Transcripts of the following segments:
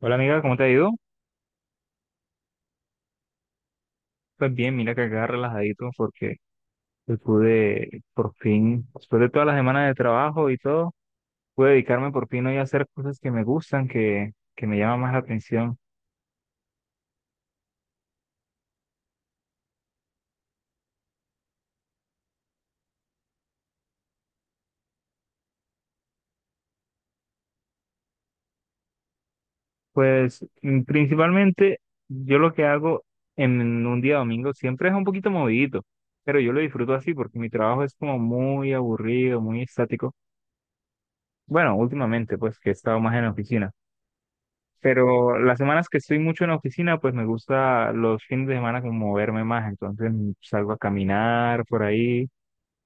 Hola amiga, ¿cómo te ha ido? Pues bien, mira que acá relajadito porque hoy pude por fin, después de todas las semanas de trabajo y todo, pude dedicarme por fin hoy a hacer cosas que me gustan, que me llaman más la atención. Pues principalmente yo lo que hago en un día domingo siempre es un poquito movidito, pero yo lo disfruto así porque mi trabajo es como muy aburrido, muy estático. Bueno, últimamente pues que he estado más en la oficina. Pero las semanas que estoy mucho en la oficina, pues me gusta los fines de semana como moverme más. Entonces salgo a caminar por ahí,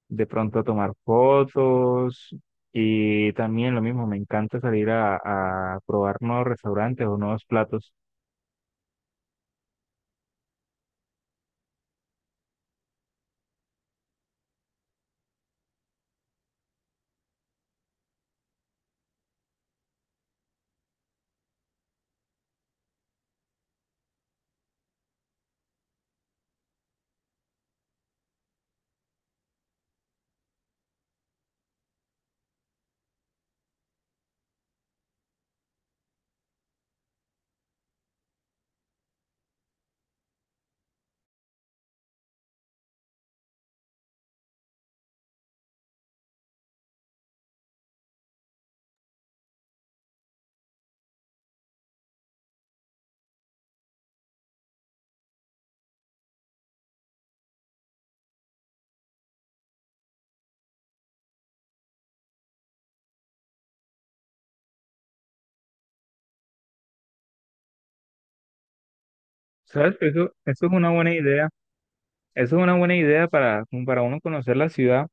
de pronto a tomar fotos. Y también lo mismo, me encanta salir a probar nuevos restaurantes o nuevos platos. ¿Sabes? Eso es una buena idea. Eso es una buena idea para, como para uno conocer la ciudad.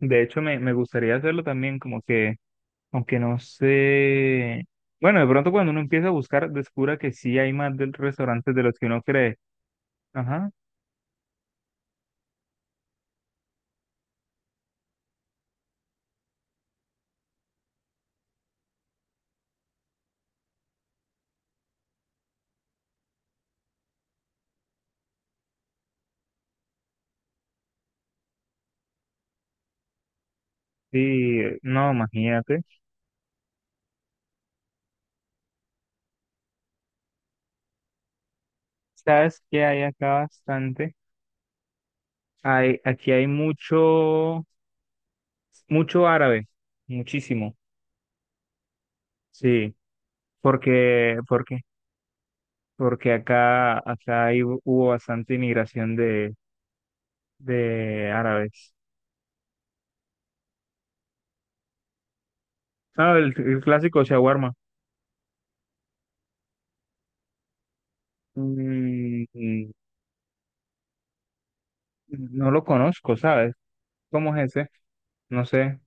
De hecho, me gustaría hacerlo también, como que aunque no sé. Bueno, de pronto cuando uno empieza a buscar, descubra que sí hay más del restaurantes de los que uno cree. Ajá. Sí, no, imagínate. ¿Sabes qué hay acá bastante? Hay, aquí hay mucho, mucho árabe, muchísimo. Sí, porque, porque, porque acá hubo bastante inmigración de árabes. Ah, el clásico shawarma. Mm, mm, no lo conozco, ¿sabes? ¿Cómo es ese? No sé.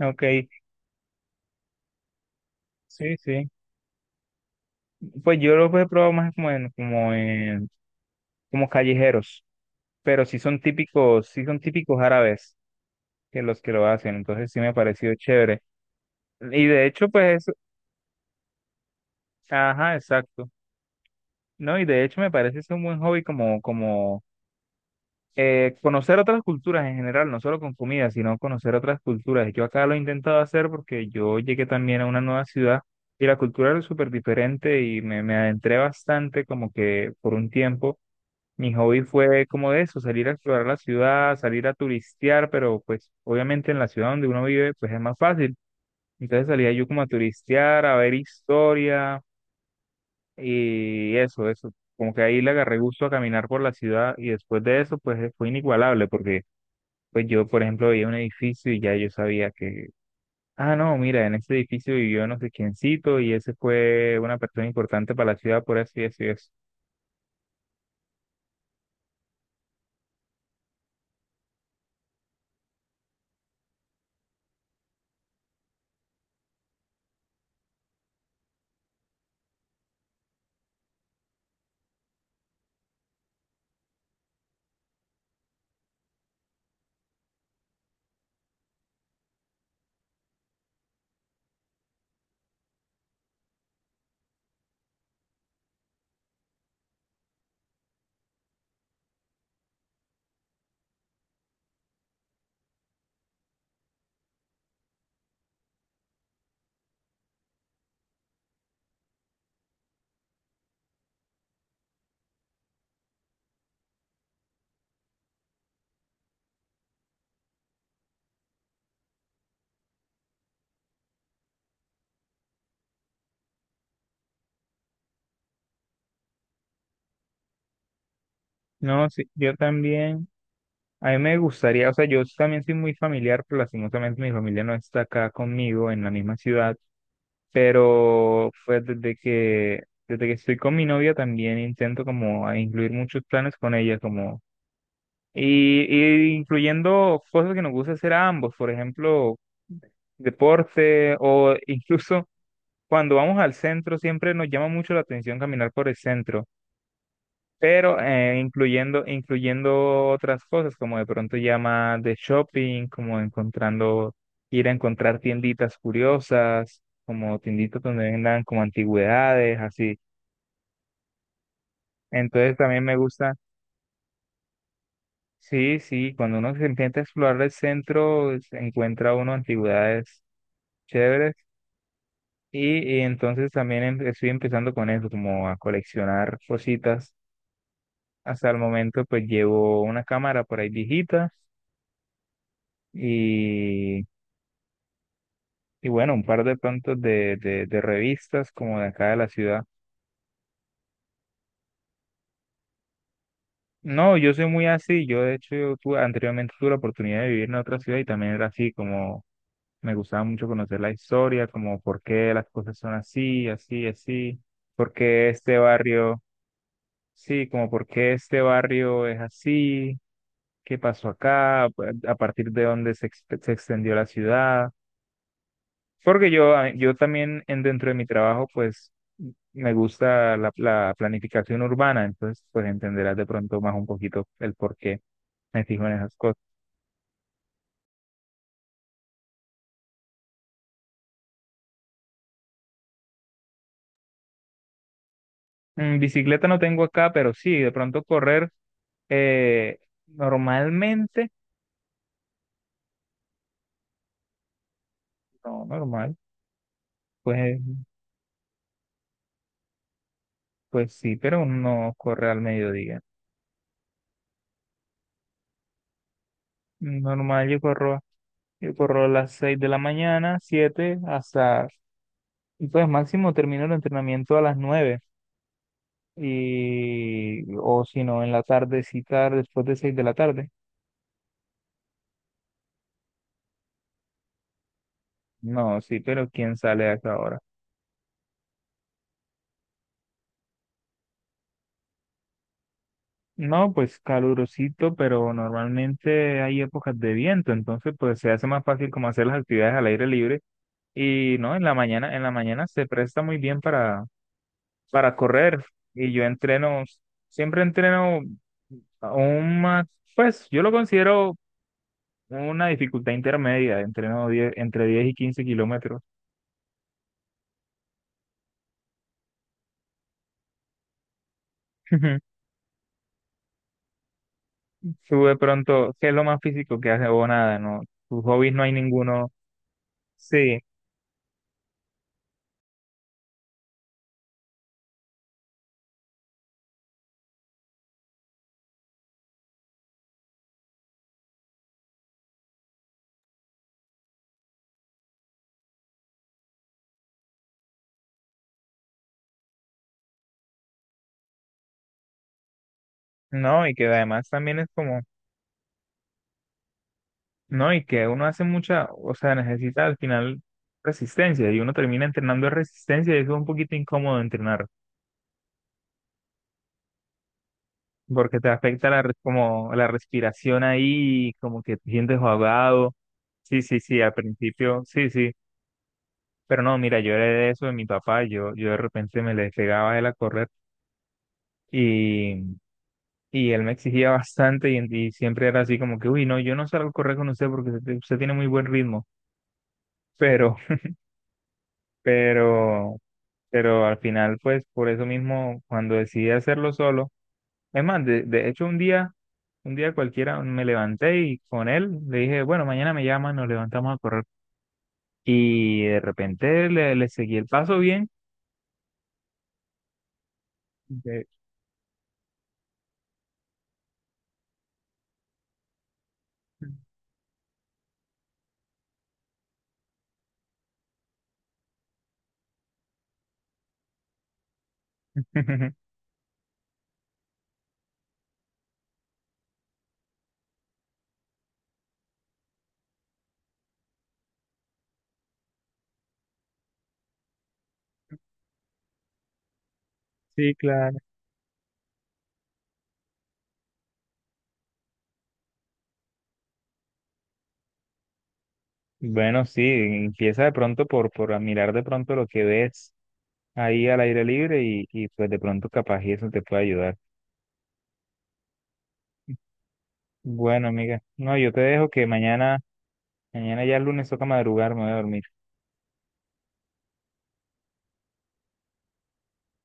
Ok. Sí, sí. Pues yo los he probado más como como callejeros, pero sí son típicos árabes que los que lo hacen, entonces sí me ha parecido chévere. Y de hecho, pues, eso- ajá, exacto. No, y de hecho me parece es un buen hobby como conocer otras culturas en general, no solo con comida, sino conocer otras culturas. Yo acá lo he intentado hacer porque yo llegué también a una nueva ciudad y la cultura era súper diferente y me adentré bastante como que por un tiempo. Mi hobby fue como de eso, salir a explorar la ciudad, salir a turistear, pero pues obviamente en la ciudad donde uno vive pues es más fácil. Entonces salía yo como a turistear, a ver historia y eso, eso. Como que ahí le agarré gusto a caminar por la ciudad y después de eso pues fue inigualable porque pues yo, por ejemplo, veía un edificio y ya yo sabía que, ah, no, mira, en ese edificio vivió no sé quiéncito y ese fue una persona importante para la ciudad por así decirlo. Eso. Y eso". No, sí, yo también, a mí me gustaría, o sea, yo también soy muy familiar, pero lastimosamente mi familia no está acá conmigo en la misma ciudad, pero pues desde que estoy con mi novia también intento como a incluir muchos planes con ella, como Y, y incluyendo cosas que nos gusta hacer a ambos, por ejemplo, deporte o incluso cuando vamos al centro siempre nos llama mucho la atención caminar por el centro, pero incluyendo otras cosas como de pronto ya más de shopping, como encontrando, ir a encontrar tienditas curiosas, como tienditas donde vendan como antigüedades, así. Entonces también me gusta sí, sí, cuando uno se empieza a explorar el centro, se encuentra uno antigüedades chéveres y entonces también estoy empezando con eso, como a coleccionar cositas. Hasta el momento pues llevo una cámara por ahí viejita y, y bueno, un par de pronto de revistas como de acá de la ciudad. No, yo soy muy así, yo de hecho yo anteriormente tuve la oportunidad de vivir en otra ciudad y también era así como me gustaba mucho conocer la historia, como por qué las cosas son así, así, así, por qué este barrio, sí, como por qué este barrio es así, qué pasó acá, a partir de dónde se, se extendió la ciudad. Porque yo, yo también en, dentro de mi trabajo, pues me gusta la, la planificación urbana, entonces pues entenderás de pronto más un poquito el por qué me fijo en esas cosas. Mm, bicicleta no tengo acá, pero sí, de pronto correr eh, normalmente, no, normal, pues, pues sí, pero uno no corre al mediodía. Normal, yo corro a las 6 de la mañana, 7, hasta, y pues máximo termino el entrenamiento a las 9 y, o si no, en la tardecita después de 6 de la tarde. No, sí, pero ¿quién sale a esa hora? No, pues calurosito, pero normalmente hay épocas de viento, entonces pues se hace más fácil como hacer las actividades al aire libre y no, en la mañana se presta muy bien para correr y siempre entreno a un más, pues yo lo considero una dificultad intermedia, entreno 10 entre 10 y 15 kilómetros. Tú de pronto, ¿qué es lo más físico que hace o nada? No, tus hobbies no hay ninguno, sí, no, y que además también es como no, y que uno hace mucha, o sea, necesita al final resistencia y uno termina entrenando resistencia y eso es un poquito incómodo entrenar porque te afecta la, como la respiración ahí, como que te sientes ahogado. Sí, sí, sí, al principio, sí, sí, pero no, mira, yo era de eso de mi papá, yo de repente me le pegaba a él a correr y, y él me exigía bastante pero, pero al final, pues por eso mismo, cuando decidí hacerlo solo, es más, de hecho un día cualquiera me levanté y con él le dije, bueno, mañana me llaman, nos levantamos a correr. Y de repente le seguí el paso bien. De- Sí, claro. Bueno, sí, empieza de pronto por admirar de pronto lo que ves ahí al aire libre y pues de pronto capaz y eso te puede ayudar. Bueno, amiga, no, yo te dejo que mañana... Mañana ya el lunes toca madrugar, me voy a dormir.